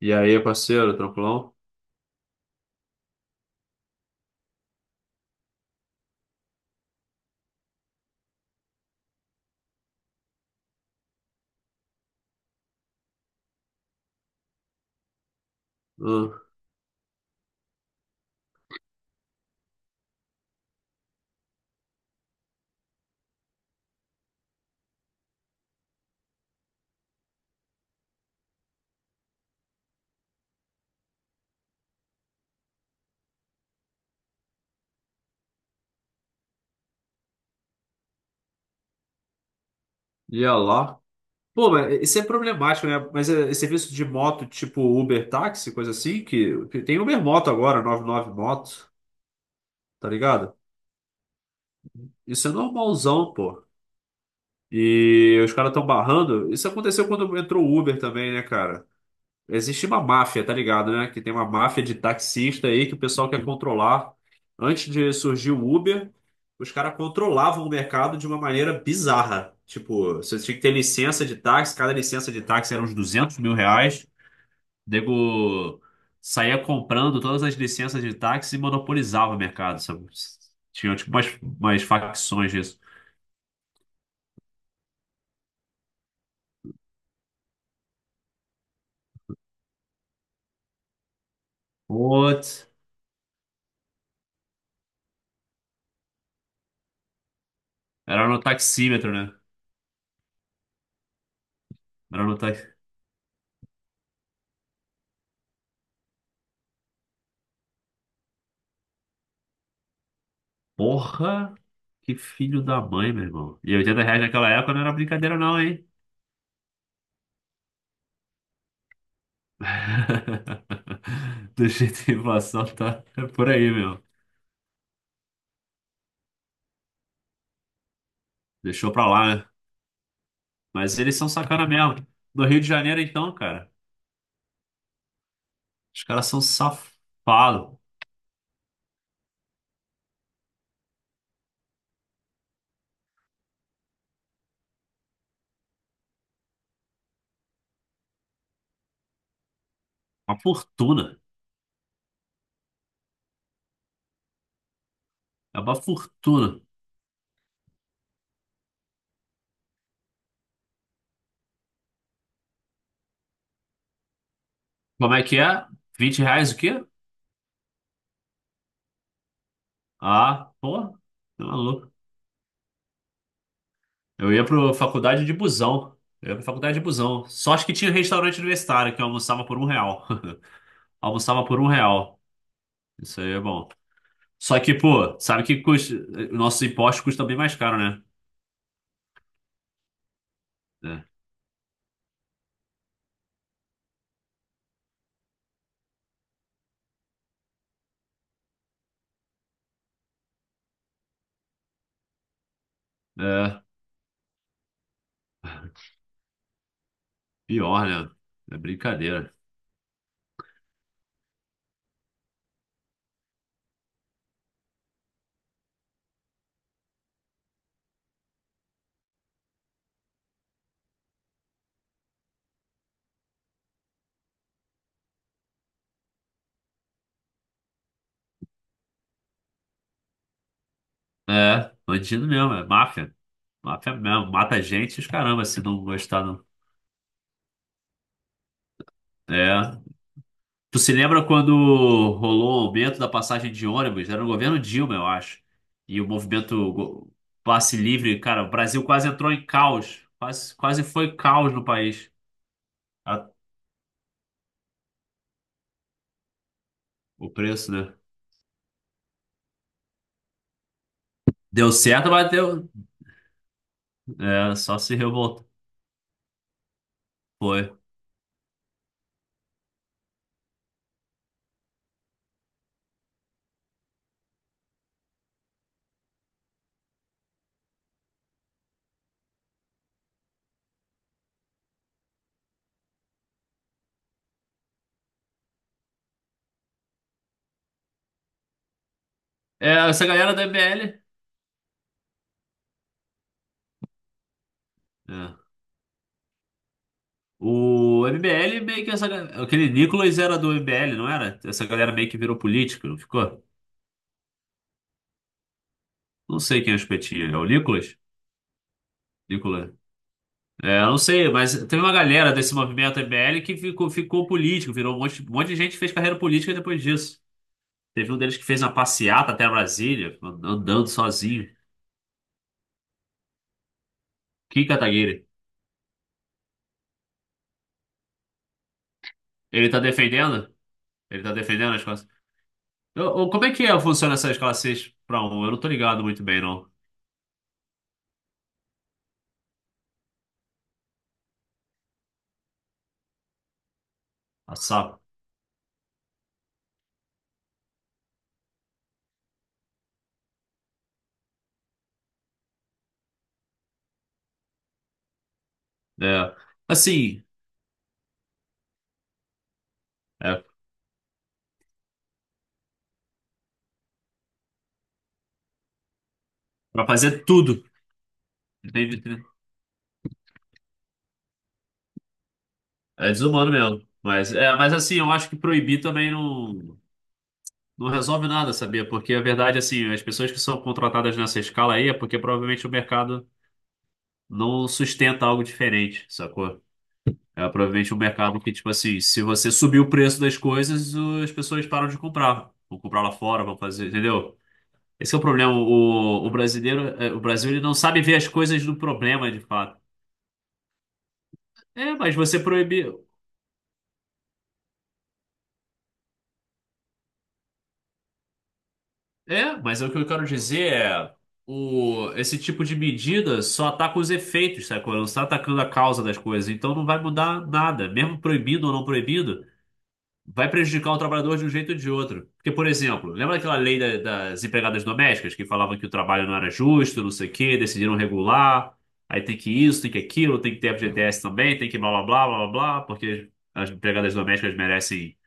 E aí, parceiro, tranquilão? Hum. E olha lá. Pô, mas isso é problemático, né? Mas é serviço de moto tipo Uber táxi, coisa assim, que tem Uber moto agora, 99 moto, tá ligado? Isso é normalzão, pô. E os caras estão barrando. Isso aconteceu quando entrou o Uber também, né, cara? Existe uma máfia, tá ligado, né? Que tem uma máfia de taxista aí que o pessoal quer controlar. Antes de surgir o Uber, os caras controlavam o mercado de uma maneira bizarra. Tipo, você tinha que ter licença de táxi, cada licença de táxi era uns 200 mil reais. O Nego saía comprando todas as licenças de táxi e monopolizava o mercado, sabe? Tinha tipo umas facções disso. Putz, era no taxímetro, né? Era no ta... Porra, que filho da mãe, meu irmão. E R$ 80 naquela época não era brincadeira, não, hein? Do jeito que a inflação tá é por aí, meu. Deixou pra lá, né? Mas eles são sacana mesmo. No Rio de Janeiro, então, cara, os caras são safados. Uma fortuna. É uma fortuna. Como é que é? 20 reais o quê? Ah, pô, tá maluco. Eu ia pra faculdade de busão. Eu ia pra faculdade de busão. Só acho que tinha um restaurante universitário que eu almoçava por R$ 1. Almoçava por um real. Isso aí é bom. Só que, pô, sabe que custa, nossos impostos custam bem mais caro, né? É, é pior, né? É brincadeira. É, bandido mesmo, é máfia. Máfia mesmo, mata gente, e os caramba, se não gostar, não. É. Tu se lembra quando rolou o aumento da passagem de ônibus? Era no governo Dilma, eu acho. E o movimento passe livre, cara, o Brasil quase entrou em caos. Quase, quase foi caos no país. A- O preço, né? Deu certo, mas deu. É, só se revolta. Foi. É, essa galera da MBL. É. O MBL meio que essa. ga- Aquele Nicolas era do MBL, não era? Essa galera meio que virou político, não ficou? Não sei quem é o espetinho. É o Nicolas? Nicolas. É, eu não sei, mas teve uma galera desse movimento MBL que ficou político, virou um monte de gente que fez carreira política depois disso. Teve um deles que fez uma passeata até Brasília, andando sozinho. Kim Kataguiri. Ele tá defendendo? Ele tá defendendo as como é que é, funciona essa escala 6 para um? Eu não tô ligado muito bem, não. A SAP. É. Assim, é, para fazer tudo. Entende? É desumano mesmo. Mas, é, mas assim, eu acho que proibir também não, não resolve nada, sabia? Porque a verdade, assim, as pessoas que são contratadas nessa escala aí é porque provavelmente o mercado não sustenta algo diferente, sacou? É provavelmente um mercado que, tipo assim, se você subir o preço das coisas, as pessoas param de comprar. Vão comprar lá fora, vão fazer, entendeu? Esse é o problema. O brasileiro, é, o Brasil, ele não sabe ver as coisas do problema, de fato. É, mas você proibiu. É, mas é o que eu quero dizer é o, esse tipo de medida só ataca os efeitos, sabe? Não está atacando a causa das coisas. Então não vai mudar nada, mesmo proibido ou não proibido. Vai prejudicar o trabalhador de um jeito ou de outro. Porque, por exemplo, lembra aquela lei das empregadas domésticas que falava que o trabalho não era justo, não sei o quê, decidiram regular, aí tem que isso, tem que aquilo, tem que ter FGTS também, tem que blá blá blá blá blá, blá, porque as empregadas domésticas merecem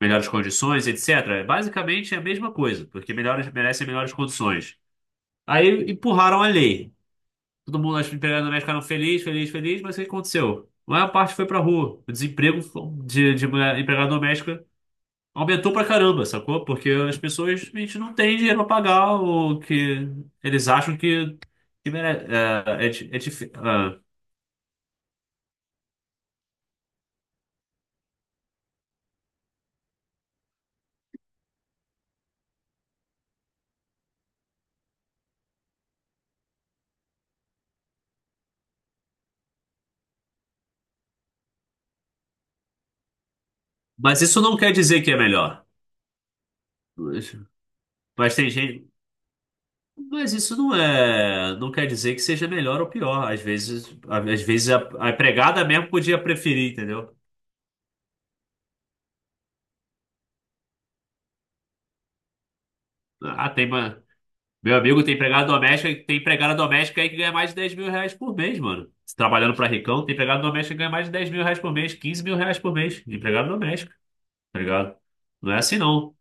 melhores condições, etc. Basicamente é a mesma coisa, porque melhores merecem melhores condições. Aí empurraram a lei. Todo mundo, as empregadas domésticas ficaram felizes, felizes, felizes, mas o que aconteceu? A maior parte foi pra rua. O desemprego de empregada doméstica aumentou pra caramba, sacou? Porque as pessoas, a gente não tem dinheiro pra pagar o que eles acham que merece. Mas isso não quer dizer que é melhor. Mas, mas tem gente. Mas isso não é. Não quer dizer que seja melhor ou pior. Às vezes a empregada mesmo podia preferir, entendeu? Ah, tem uma. Meu amigo tem empregada doméstica aí que ganha mais de 10 mil reais por mês, mano. Trabalhando pra ricão, tem empregada doméstica que ganha mais de 10 mil reais por mês, 15 mil reais por mês de empregada doméstica, tá ligado? Não é assim não.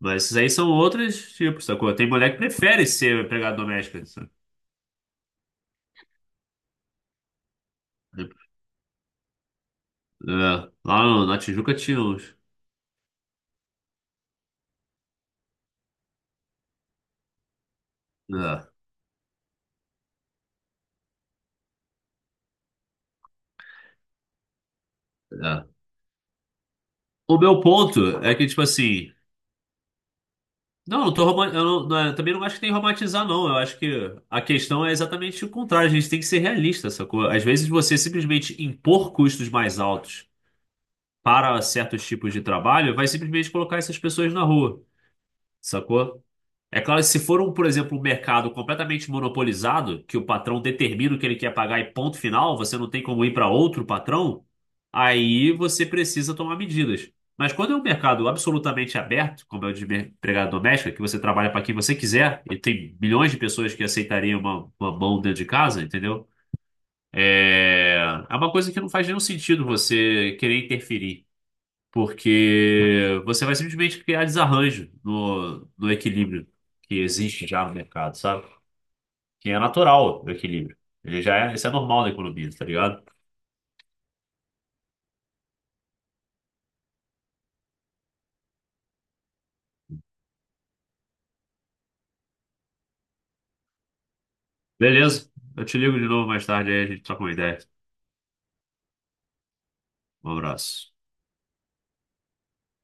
Mas esses aí são outros tipos, sacou? Tem mulher que prefere ser empregada doméstica, sabe? É, lá na Tijuca tinha uns. É, é. O meu ponto é que, tipo assim, não, não tô roman- eu não- não é, eu também não acho que tem que romantizar, não. Eu acho que a questão é exatamente o contrário. A gente tem que ser realista, sacou? Às vezes você simplesmente impor custos mais altos para certos tipos de trabalho vai simplesmente colocar essas pessoas na rua, sacou? É claro que se for um, por exemplo, um mercado completamente monopolizado, que o patrão determina o que ele quer pagar e ponto final, você não tem como ir para outro patrão, aí você precisa tomar medidas. Mas quando é um mercado absolutamente aberto, como é o de empregada doméstica, que você trabalha para quem você quiser, e tem milhões de pessoas que aceitariam uma mão dentro de casa, entendeu? É, é uma coisa que não faz nenhum sentido você querer interferir porque você vai simplesmente criar desarranjo no equilíbrio que existe já no mercado, sabe? Que é natural o equilíbrio. Ele já é, isso é normal na economia, tá ligado? Beleza, eu te ligo de novo mais tarde aí a gente troca uma ideia. Um abraço.